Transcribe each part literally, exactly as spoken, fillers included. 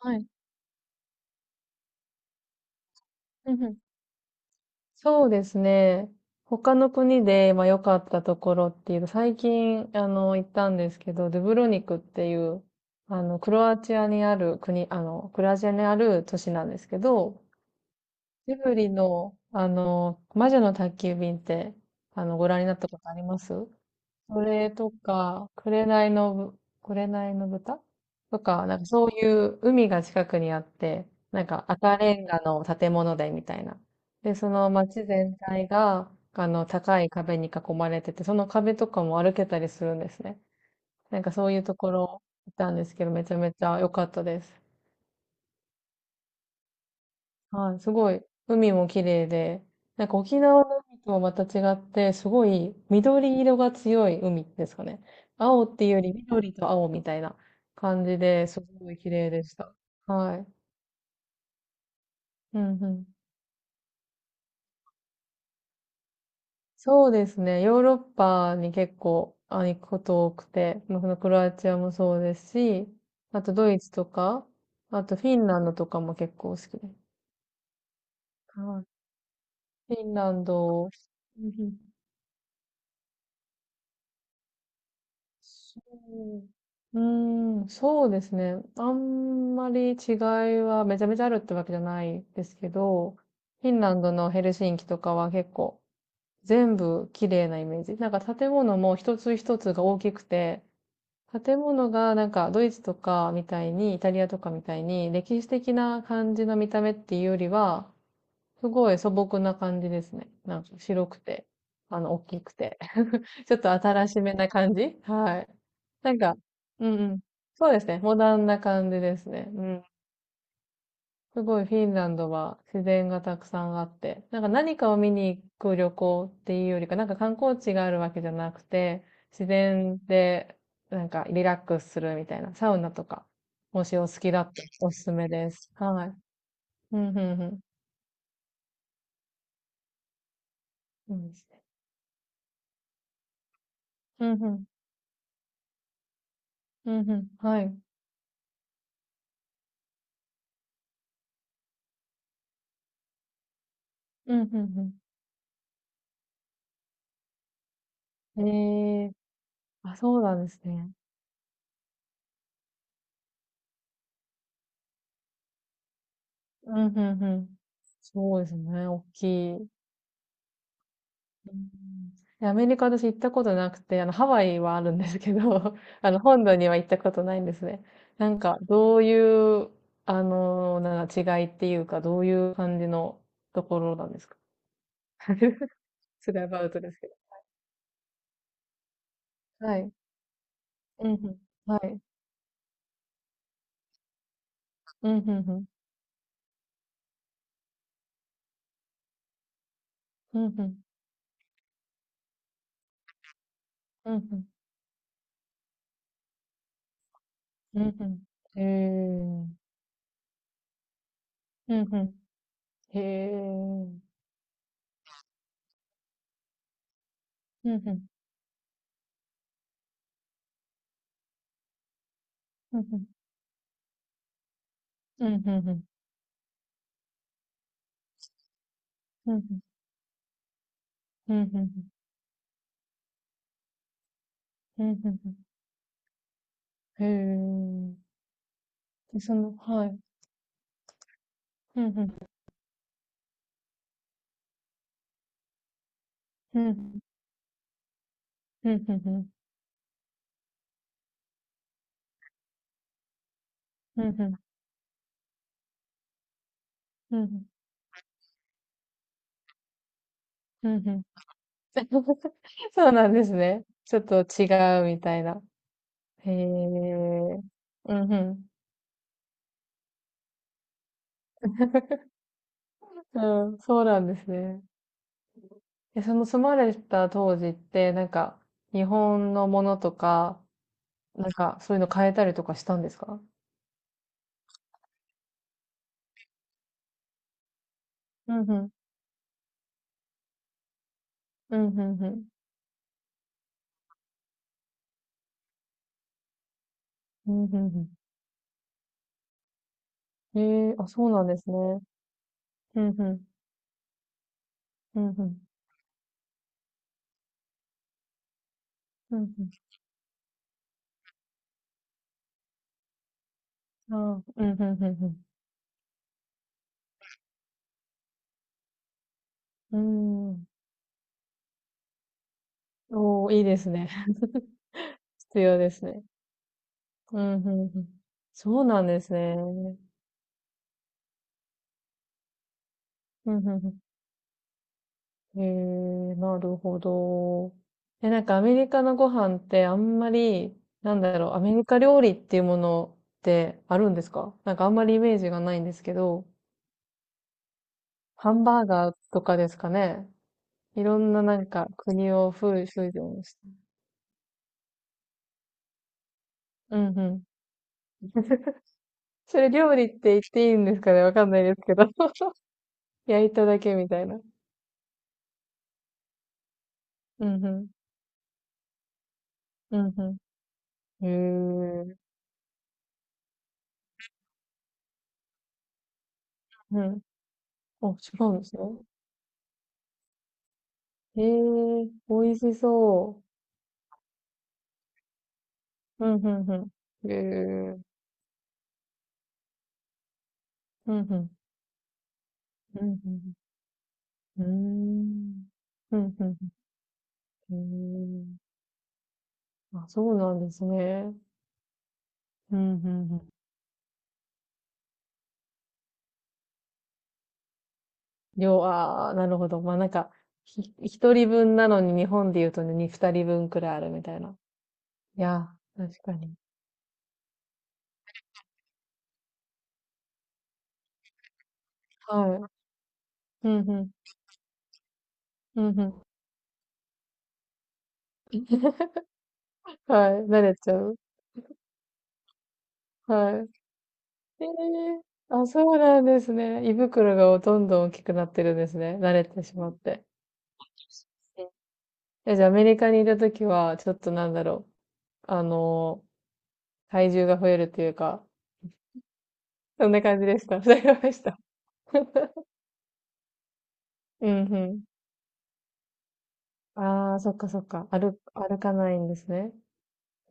はい。うんうん。そうですね。他の国で、まあ、良かったところっていうと、最近、あの、行ったんですけど、ドゥブロニクっていう、あの、クロアチアにある国、あの、クロアチアにある都市なんですけど、ジブリの、あの、魔女の宅急便って、あの、ご覧になったことあります？それとか、紅のぶ、紅の豚とか、なんかそういう海が近くにあって、なんか赤レンガの建物でみたいな。で、その街全体が、あの、高い壁に囲まれてて、その壁とかも歩けたりするんですね。なんかそういうところ行ったんですけど、めちゃめちゃ良かったです。はい、すごい、海も綺麗で、なんか沖縄の海とはまた違って、すごい緑色が強い海ですかね。青っていうより緑と青みたいな感じで、すごい綺麗でした。はい。うんうん。そうですね。ヨーロッパに結構あ行くこと多くて、まあそのクロアチアもそうですし、あとドイツとか、あとフィンランドとかも結構好きです。はい。フィンランド、うんうんそう。うーん、そうですね。あんまり違いはめちゃめちゃあるってわけじゃないですけど、フィンランドのヘルシンキとかは結構全部綺麗なイメージ。なんか建物も一つ一つが大きくて、建物がなんかドイツとかみたいに、イタリアとかみたいに歴史的な感じの見た目っていうよりは、すごい素朴な感じですね。なんか白くて、あの、大きくて。ちょっと新しめな感じ。はい。なんか、うんうん。そうですね。モダンな感じですね。うん。すごいフィンランドは自然がたくさんあって、なんか何かを見に行く旅行っていうよりか、なんか観光地があるわけじゃなくて、自然でなんかリラックスするみたいな、サウナとか、もしお好きだったらおすすめです。はい。うん、うん、うん。いいですね。うん、うん、うん、うん。はい。うん、うん、うん。ええー、あ、そうなんですね。うん、うんうん。そうですね、おっきい。うん。で、アメリカ私行ったことなくて、あの、ハワイはあるんですけど、あの、本土には行ったことないんですね。なんか、どういう、あの、なんか違いっていうか、どういう感じのところなんですか？ スライブアウトですけど。はい。うんうん。はい。うんうんうん。うんうん。うんうん。うんふん。へえ。うんうん。へえ。うんうん。うんうん。うんうんうん。うんうん。うん。うん、うんうん。へえ。で、その、はい。ふんふん。ふんふん。うんうんうん。うんうん。うんうん。うんんんん そうなんですね。ちょっと違うみたいな。へえ。うんうん。うん、そうなんですね。え、その住まれた当時って、なんか、日本のものとか、なんか、そういうの変えたりとかしたんですか？うんうん。うんうんうん。うんへんうん。ええあ、そうなんですね。うんうん。うんうん。うんうん。あうん、うんうんうん。うーん。おー、いいですね。必要ですね。うん、うんうん。そうなんですね。うん、うんうん。へえ、なるほど。え、なんかアメリカのご飯ってあんまり、なんだろう、アメリカ料理っていうものってあるんですか？なんかあんまりイメージがないんですけど、ハンバーガーとかですかね。いろんななんか国をフーフージョンして。うん、うん。それ料理って言っていいんですかね、わかんないですけど。焼いただけみたいな。うんうん。うんうん。へえ。うん。あ、違うんですね。へえ、美味しそう。うんうんうん。へえ。うんうん。うんうんうん。うーん。うんうんうん。へえ。あ、そうなんですね。うんうんうん。量、ああ、なるほど。まあなんか、ひ、ひとりぶんなのに日本で言うとね、にふたりぶんくらいあるみたいな。いやー、確かに。はい。うんうん。うんうん。はい。慣れちゃう。はい。ええあ、そうなんですね。胃袋がどんどん大きくなってるんですね。慣れてしまって。え、じゃあアメリカにいたときは、ちょっとなんだろう。あのー体重が増えるというか、そんな感じでした。そうました。うんうん。ああ、そっかそっか。歩、歩かないんですね。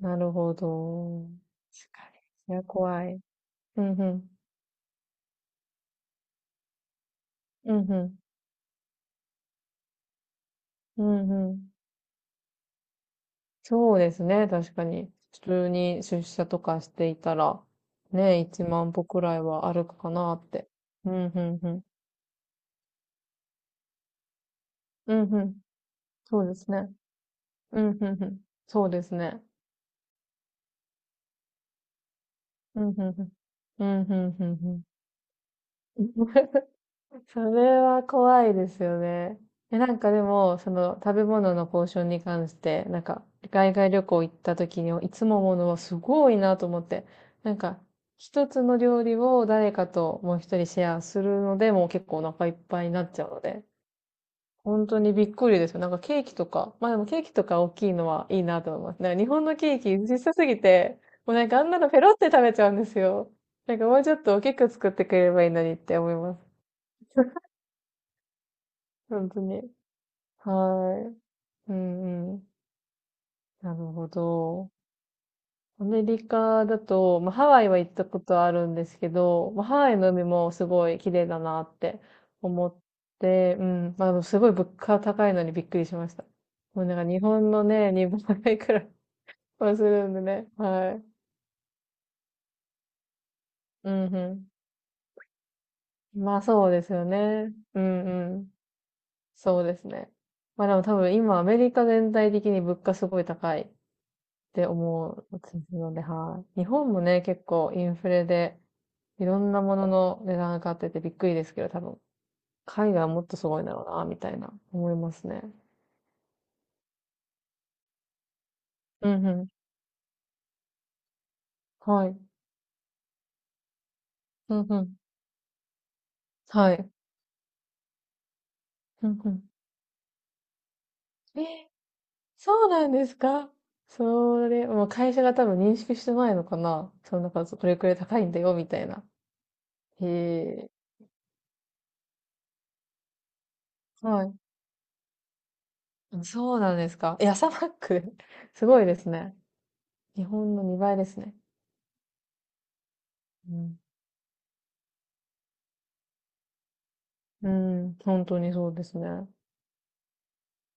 なるほど。確かに。いや、怖い。うんうん。うんうん。うんうん。そうですね、確かに。普通に出社とかしていたら、ね、いちまん歩くらいは歩くかなって。うん、うん、うん。うん、うん。そうですね。うん、うん、うん。そうですね。うん、うん、うん。うん、うん、うん、うん。それは怖いですよね。え、なんかでも、その食べ物のポーションに関して、なんか海外旅行行った時にいつもものはすごいなと思って、なんか一つの料理を誰かともうひとりシェアするので、もう結構お腹いっぱいになっちゃうので、本当にびっくりですよ。なんかケーキとか、まあでもケーキとか大きいのはいいなと思います。なんか日本のケーキ小さすぎて、もうなんかあんなのペロって食べちゃうんですよ。なんかもうちょっと大きく作ってくれればいいのにって思います。本当に。はい。うんうん。なるほど。アメリカだと、まあ、ハワイは行ったことあるんですけど、まあ、ハワイの海もすごい綺麗だなって思って、うん。まあ、でもすごい物価高いのにびっくりしました。もうなんか日本のね、にばいくらいはするんでね。はい。うんうん。まあそうですよね。うんうん。そうですね。まあでも多分今アメリカ全体的に物価すごい高いって思うので、はい。日本もね、結構インフレで、いろんなものの値段上がっててびっくりですけど、多分、海外はもっとすごいんだろうな、みたいな、思いますね。うんうん。はい。うんうん。はい。うんうん。え、そうなんですか？それ、もう会社が多分認識してないのかな、その中、これくらい高いんだよ、みたいな。へえ。はい。あ、そうなんですか？え、朝マック、すごいですね。日本のにばいですね。うんうん、本当にそうですね。